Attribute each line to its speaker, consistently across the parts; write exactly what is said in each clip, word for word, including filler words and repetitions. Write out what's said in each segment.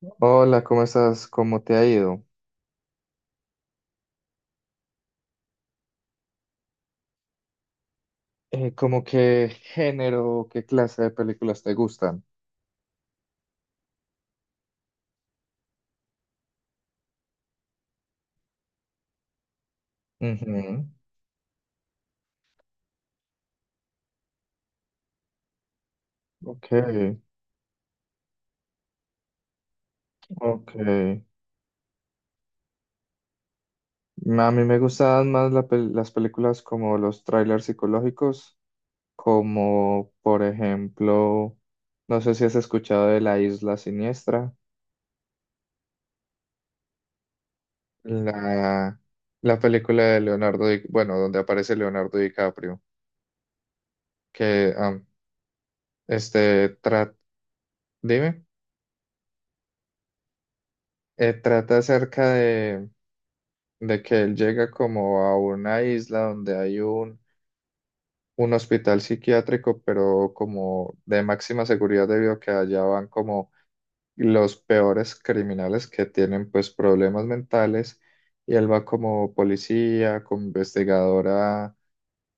Speaker 1: Hola, ¿cómo estás? ¿Cómo te ha ido? Eh, ¿cómo qué género, qué clase de películas te gustan? Ujú. Ok, ok. A mí me gustan más la pel- las películas como los trailers psicológicos, como por ejemplo, no sé si has escuchado de La Isla Siniestra, la, la película de Leonardo, Di- bueno, donde aparece Leonardo DiCaprio, que am, este, tra- dime, eh, trata acerca de de que él llega como a una isla donde hay un, un hospital psiquiátrico, pero como de máxima seguridad debido a que allá van como los peores criminales que tienen pues problemas mentales y él va como policía, como investigadora a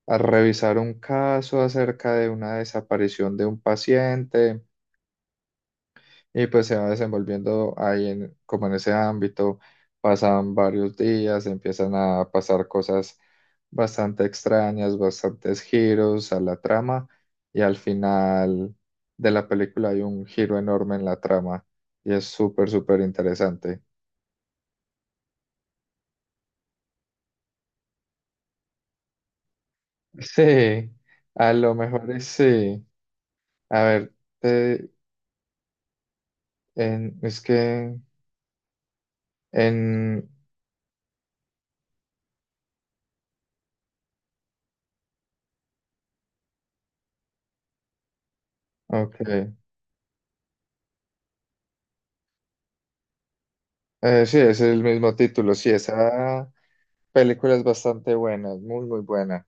Speaker 1: a revisar un caso acerca de una desaparición de un paciente y pues se va desenvolviendo ahí en, como en ese ámbito, pasan varios días, empiezan a pasar cosas bastante extrañas, bastantes giros a la trama y al final de la película hay un giro enorme en la trama y es súper, súper interesante. Sí, a lo mejor es sí. A ver, te- en- es que en... Ok. Eh, sí, es el mismo título, sí, esa... película es bastante buena muy, muy buena.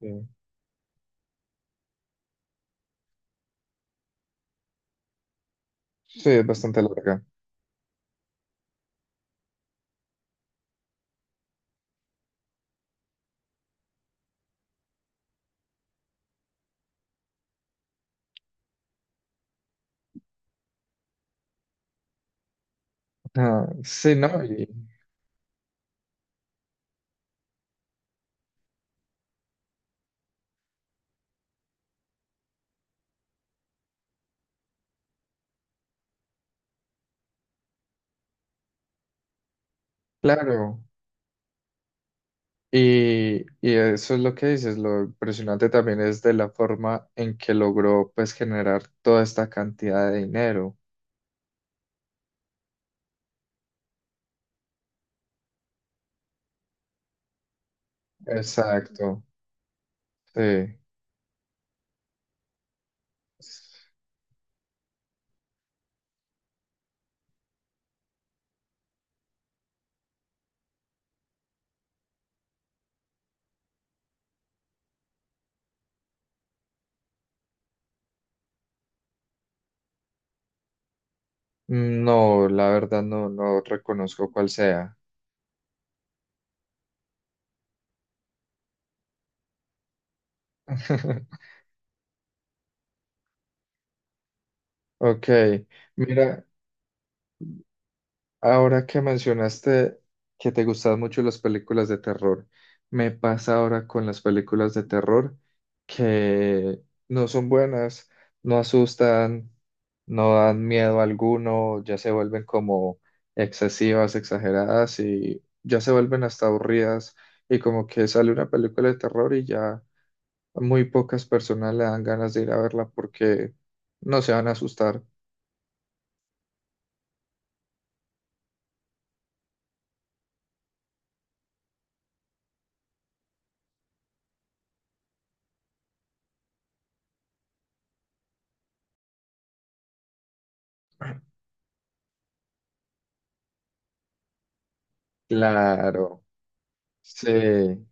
Speaker 1: Sí, sí, es bastante larga. Ah, sí, ¿no? Y, claro. Y, y eso es lo que dices. Lo impresionante también es de la forma en que logró, pues, generar toda esta cantidad de dinero. Exacto. Sí. No, la verdad no, no reconozco cuál sea. Ok, mira. Ahora que mencionaste que te gustan mucho las películas de terror, me pasa ahora con las películas de terror que no son buenas, no asustan, no dan miedo alguno, ya se vuelven como excesivas, exageradas y ya se vuelven hasta aburridas y como que sale una película de terror y ya muy pocas personas le dan ganas de ir a verla porque no se van a asustar. Claro, sí.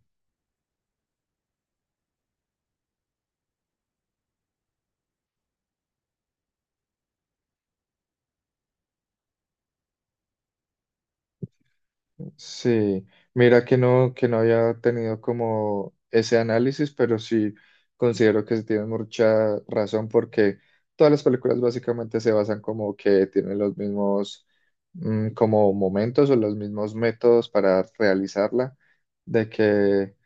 Speaker 1: Sí, mira que no, que no había tenido como ese análisis, pero sí considero que tiene mucha razón porque todas las películas básicamente se basan como que tienen los mismos mm, como momentos o los mismos métodos para realizarla, de que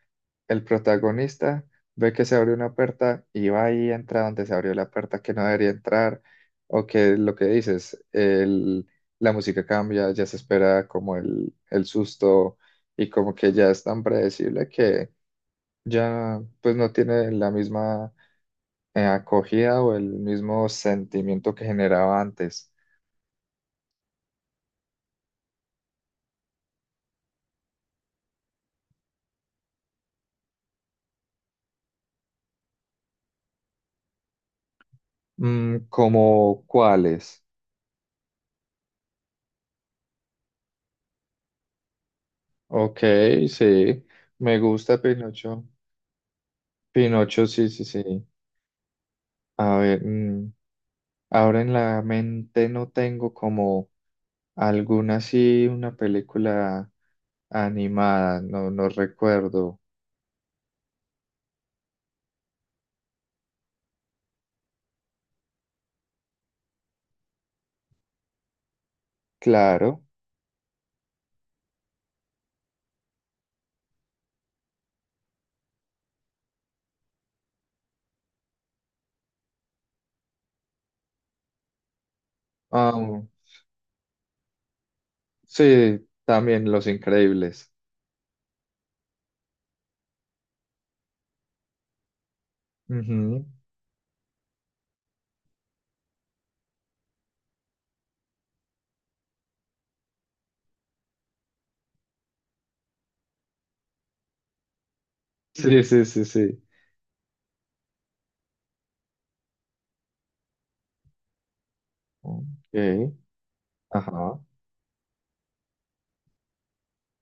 Speaker 1: el protagonista ve que se abrió una puerta y va y entra donde se abrió la puerta que no debería entrar, o que lo que dices, el- la música cambia, ya se espera como el, el susto y como que ya es tan predecible que ya pues no tiene la misma eh, acogida o el mismo sentimiento que generaba antes. Mm, ¿como cuáles? Ok, sí, me gusta Pinocho. Pinocho, sí, sí, sí. A ver, mm, ahora en la mente no tengo como alguna así, una película animada, no, no recuerdo. Claro. Ah, sí, también Los Increíbles. Ujú. Sí, sí, sí, sí. Ok. Ajá.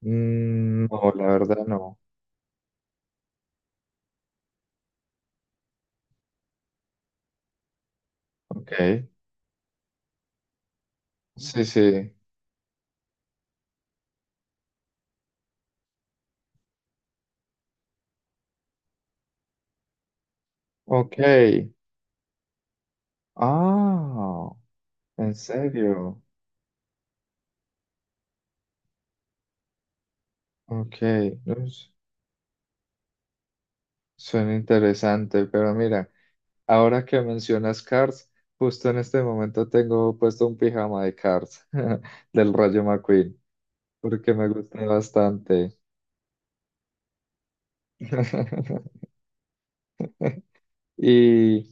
Speaker 1: Mm, no, la verdad no. Ok. Sí, sí. Ok. Ah, ¿en serio? Ok. No, su- Suena interesante, pero mira. Ahora que mencionas Cars, justo en este momento tengo puesto un pijama de Cars del Rayo McQueen, porque me gusta bastante. Y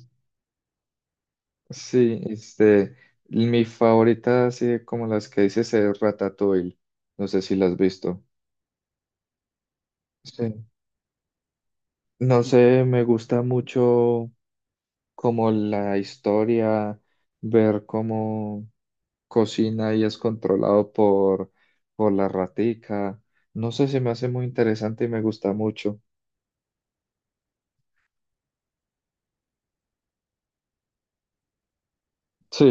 Speaker 1: sí, este, mi favorita, así como las que dices, es Ratatouille. No sé si las has visto. Sí. No sé, me gusta mucho como la historia, ver cómo cocina y es controlado por, por la ratica. No sé, se me hace muy interesante y me gusta mucho. Sí,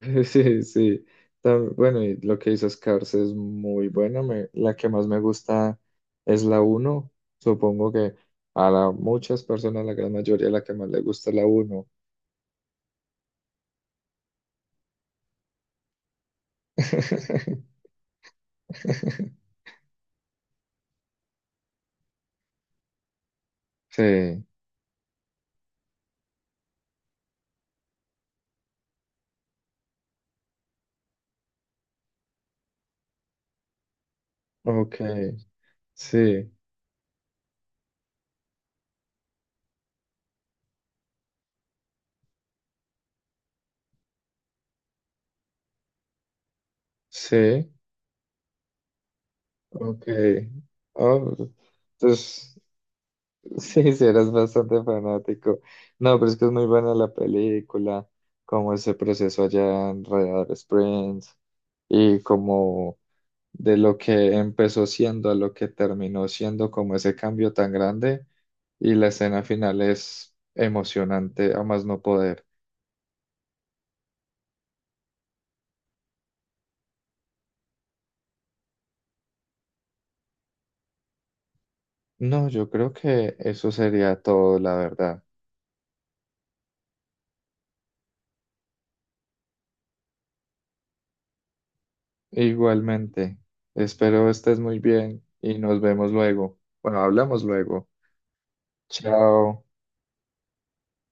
Speaker 1: sí, sí. Tam- Bueno, y lo que dices, Cars es muy buena. Me- la que más me gusta es la uno. Supongo que a la- muchas personas, la gran mayoría, la que más le gusta es la uno. Sí, ok, sí, sí, ok. Ah, pues, entonces. Sí, sí, eras bastante fanático. No, pero es que es muy buena la película, como ese proceso allá en Radar Springs y como de lo que empezó siendo a lo que terminó siendo, como ese cambio tan grande y la escena final es emocionante a más no poder. No, yo creo que eso sería todo, la verdad. Igualmente, espero estés muy bien y nos vemos luego. Bueno, hablamos luego. Chao.